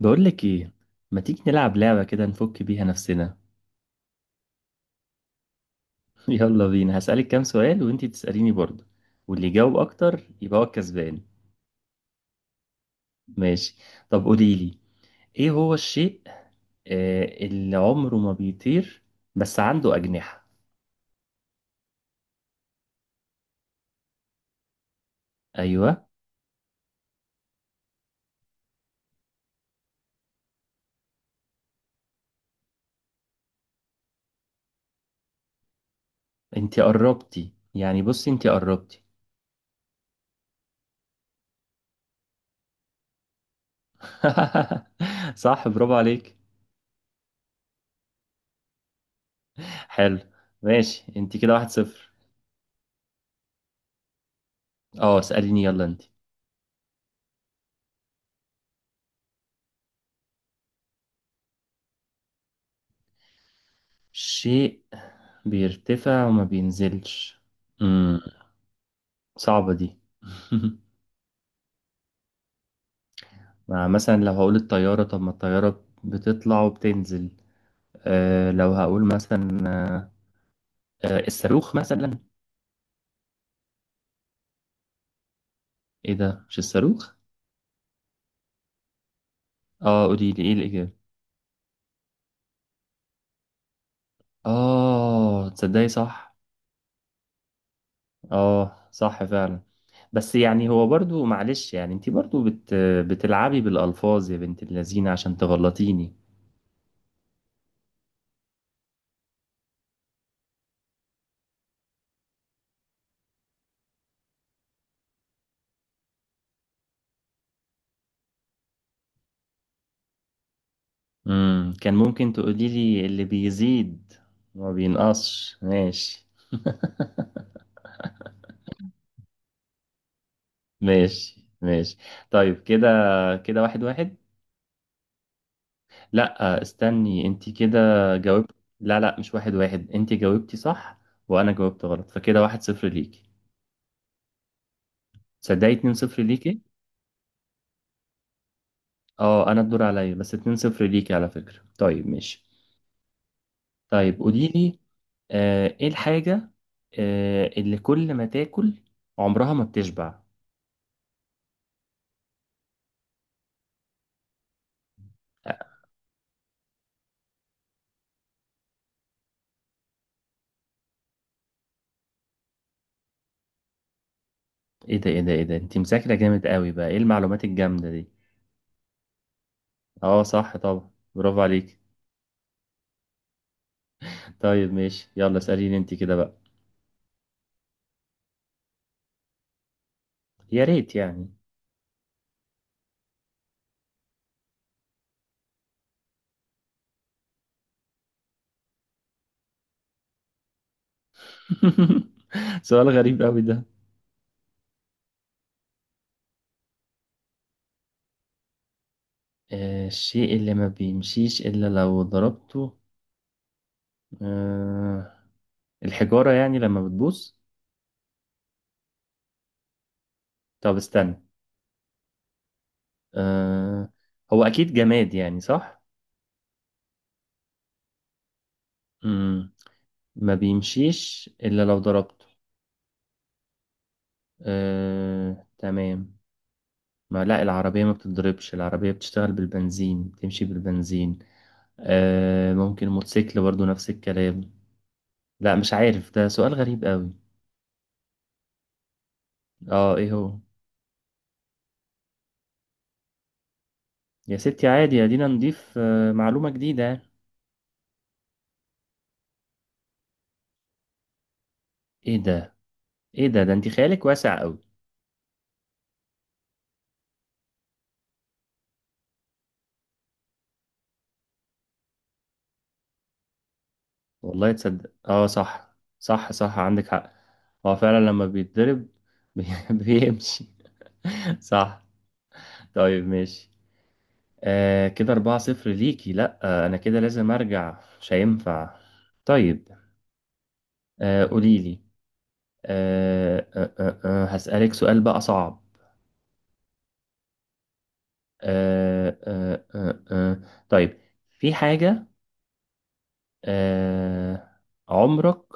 بقول لك ايه، ما تيجي نلعب لعبة كده نفك بيها نفسنا؟ يلا بينا، هسألك كام سؤال وانتي تسأليني برضه، واللي يجاوب اكتر يبقى هو الكسبان. ماشي. طب قولي لي، ايه هو الشيء اللي عمره ما بيطير بس عنده أجنحة؟ ايوه. انتي قربتي، يعني بصي انتي قربتي. صح، برافو عليك. حلو. ماشي، انتي كده واحد صفر. اه، اسأليني، يلا انتي. شيء بيرتفع وما بينزلش. مم. صعبة دي. مع مثلا لو هقول الطيارة، طب ما الطيارة بتطلع وبتنزل. لو هقول مثلا، الصاروخ مثلا. ايه ده، مش الصاروخ؟ اه، قولي لي ايه الإجابة. اه تصدقي، صح. اه صح فعلا. بس يعني هو برضو معلش، يعني انتي برضو بتلعبي بالألفاظ يا بنت اللذينة عشان تغلطيني. كان ممكن تقولي لي اللي بيزيد ما بينقصش. ماشي ماشي ماشي. طيب كده، كده واحد واحد. لا، استني انت كده، جاوبت. لا لا، مش واحد واحد، انت جاوبتي صح وانا جاوبت غلط، فكده واحد صفر ليكي. تصدقي اتنين صفر ليكي. اه، انا الدور عليا بس اتنين صفر ليكي على فكرة. طيب ماشي. طيب قولي لي، ايه الحاجة اللي كل ما تاكل عمرها ما بتشبع؟ آه، ايه ده، ايه ده، ايه ده، انت مذاكرة جامد قوي بقى، ايه المعلومات الجامدة دي؟ اه صح طبعا، برافو عليك. طيب ماشي، يلا اسأليني انت كده بقى. يا ريت يعني. سؤال غريب قوي ده. الشيء اللي ما بيمشيش إلا لو ضربته؟ آه، الحجارة يعني لما بتبوظ؟ طب استنى، آه، هو أكيد جماد يعني، صح؟ مم. ما بيمشيش إلا لو ضربته. تمام. ما لا، العربية ما بتتضربش، العربية بتشتغل بالبنزين، بتمشي بالبنزين. ممكن موتوسيكل برضو نفس الكلام. لا مش عارف، ده سؤال غريب قوي. اه، ايه هو؟ يا ستي عادي، ادينا نضيف معلومة جديدة. ايه ده، ايه ده، ده انت خيالك واسع قوي. والله تصدق، اه صح صح صح، عندك حق. هو فعلا لما بيتضرب بي- بيمشي. صح. طيب ماشي، كده أربعة صفر ليكي، لأ أنا كده لازم أرجع، مش هينفع. طيب، قوليلي. هسألك سؤال بقى صعب. آه آه آه آه آه. طيب، في حاجة آه عمرك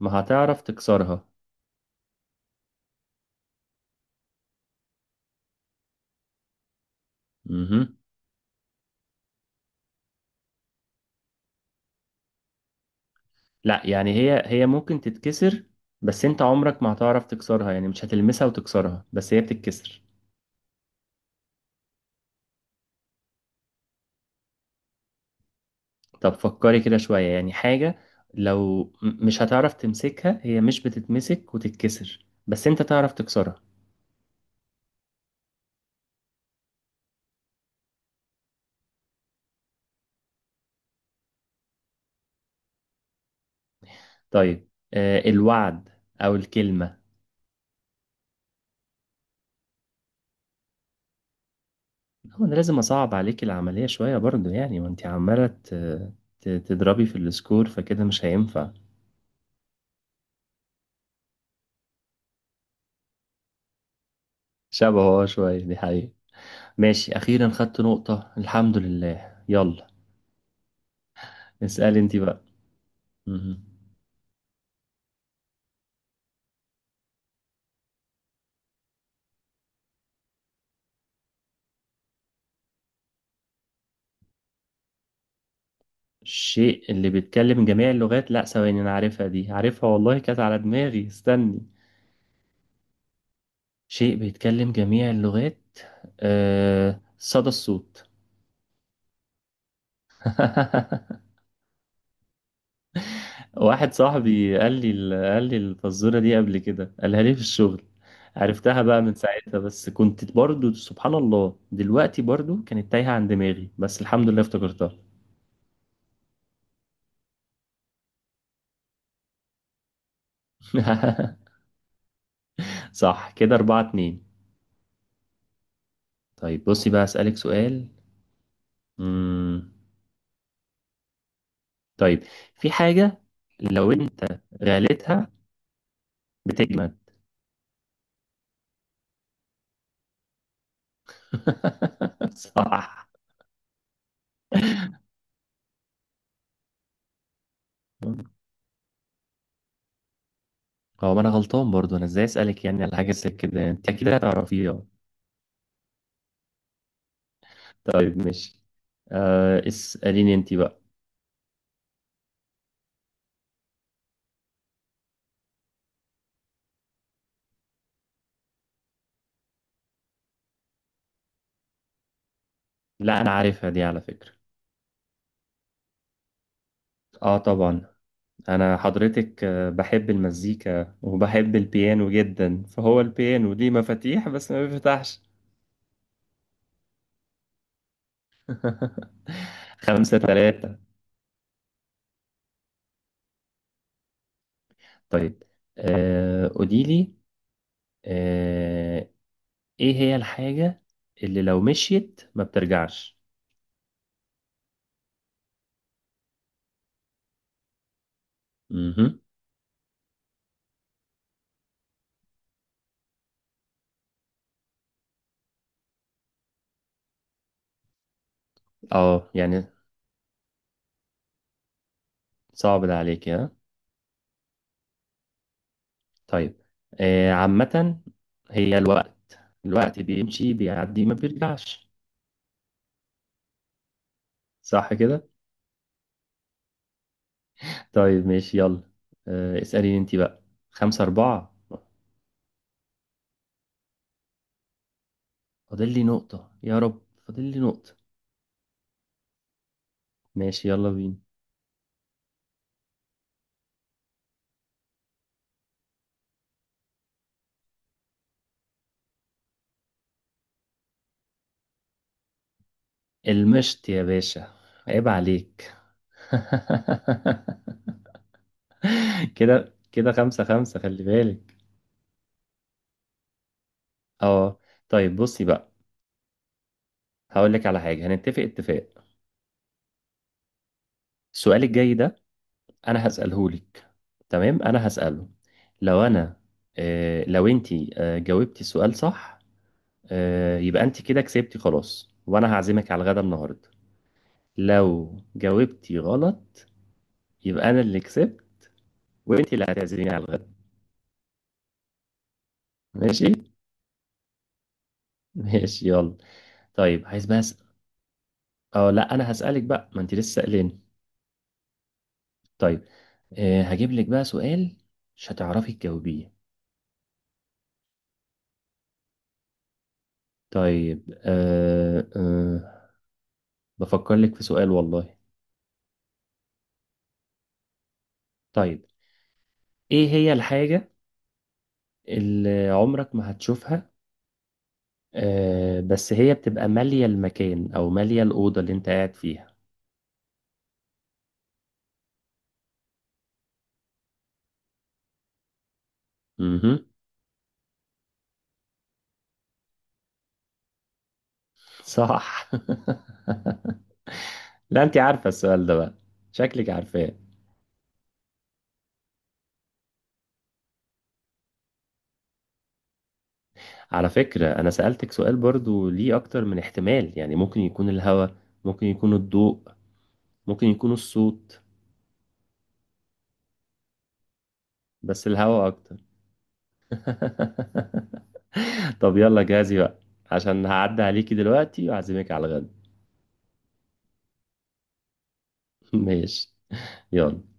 ما هتعرف تكسرها. مهم. لا يعني هي ممكن تتكسر، بس انت عمرك ما هتعرف تكسرها، يعني مش هتلمسها وتكسرها بس هي بتتكسر. طب فكري كده شوية، يعني حاجة لو مش هتعرف تمسكها، هي مش بتتمسك وتتكسر بس انت تعرف تكسرها. طيب، الوعد او الكلمة. هو انا لازم اصعب عليك العملية شوية برضو يعني، وانت عمالة تضربي في السكور، فكده مش هينفع. شبهه، اه شوية، دي حقيقة. ماشي أخيرا خدت نقطة، الحمد لله. يلا اسألي انت بقى. مهم. الشيء اللي بيتكلم جميع اللغات؟ لا ثواني، أنا عارفها دي، عارفها والله، كانت على دماغي، استني. شيء بيتكلم جميع اللغات. صدى الصوت. واحد صاحبي قال لي قال لي الفزورة دي قبل كده، قالها لي في الشغل. عرفتها بقى من ساعتها، بس كنت برضو سبحان الله دلوقتي برضو كانت تايهة عن دماغي، بس الحمد لله افتكرتها. صح، كده أربعة اتنين. طيب بصي بقى، أسألك سؤال. مم. طيب، في حاجة لو أنت غليتها، بتجمد. صح. هو ما أنا غلطان برضو، أنا إزاي أسألك يعني على حاجة زي كده، أنت أكيد هتعرفيها. طيب ماشي، اسأليني أنت بقى. لا أنا عارفها دي على فكرة. آه طبعا. أنا حضرتك بحب المزيكا وبحب البيانو جدا، فهو البيانو ليه مفاتيح بس ما بيفتحش. خمسة تلاتة. طيب، قولي لي، آه ايه هي الحاجة اللي لو مشيت ما بترجعش؟ امم اه يعني صعب ده عليك، ها؟ طيب، عامة هي الوقت، الوقت بيمشي بيعدي ما بيرجعش. صح كده؟ طيب ماشي، يلا اسأليني انت بقى. خمسة أربعة. فاضل لي نقطة يا رب، فاضل لي نقطة. ماشي، يلا بينا. المشط يا باشا، عيب عليك. كده كده خمسة خمسة، خلي بالك. اه، طيب بصي بقى، هقول لك على حاجة هنتفق اتفاق. السؤال الجاي ده انا هسأله لك، تمام؟ انا هسأله، لو انا لو انتي جاوبتي السؤال صح، يبقى انتي كده كسبتي خلاص، وانا هعزمك على الغدا النهاردة. لو جاوبتي غلط، يبقى انا اللي كسبت وانتي اللي هتعزميني على الغدا. ماشي. ماشي يلا. طيب، عايز بس. اه لا، انا هسألك بقى، ما انتي لسه سألاني. طيب، هجيب لك بقى سؤال مش هتعرفي تجاوبيه. طيب، أه أه بفكر لك في سؤال والله. طيب، ايه هي الحاجة اللي عمرك ما هتشوفها، بس هي بتبقى مالية المكان او مالية الأوضة اللي انت قاعد فيها؟ امم صح. لا انت عارفة السؤال ده بقى، شكلك عارفاه. على فكرة انا سألتك سؤال برضو ليه اكتر من احتمال، يعني ممكن يكون الهواء، ممكن يكون الضوء، ممكن يكون الصوت، بس الهواء اكتر. طب يلا جاهزي بقى، عشان هعدي عليكي دلوقتي وأعزمك على الغدا. ماشي يلا.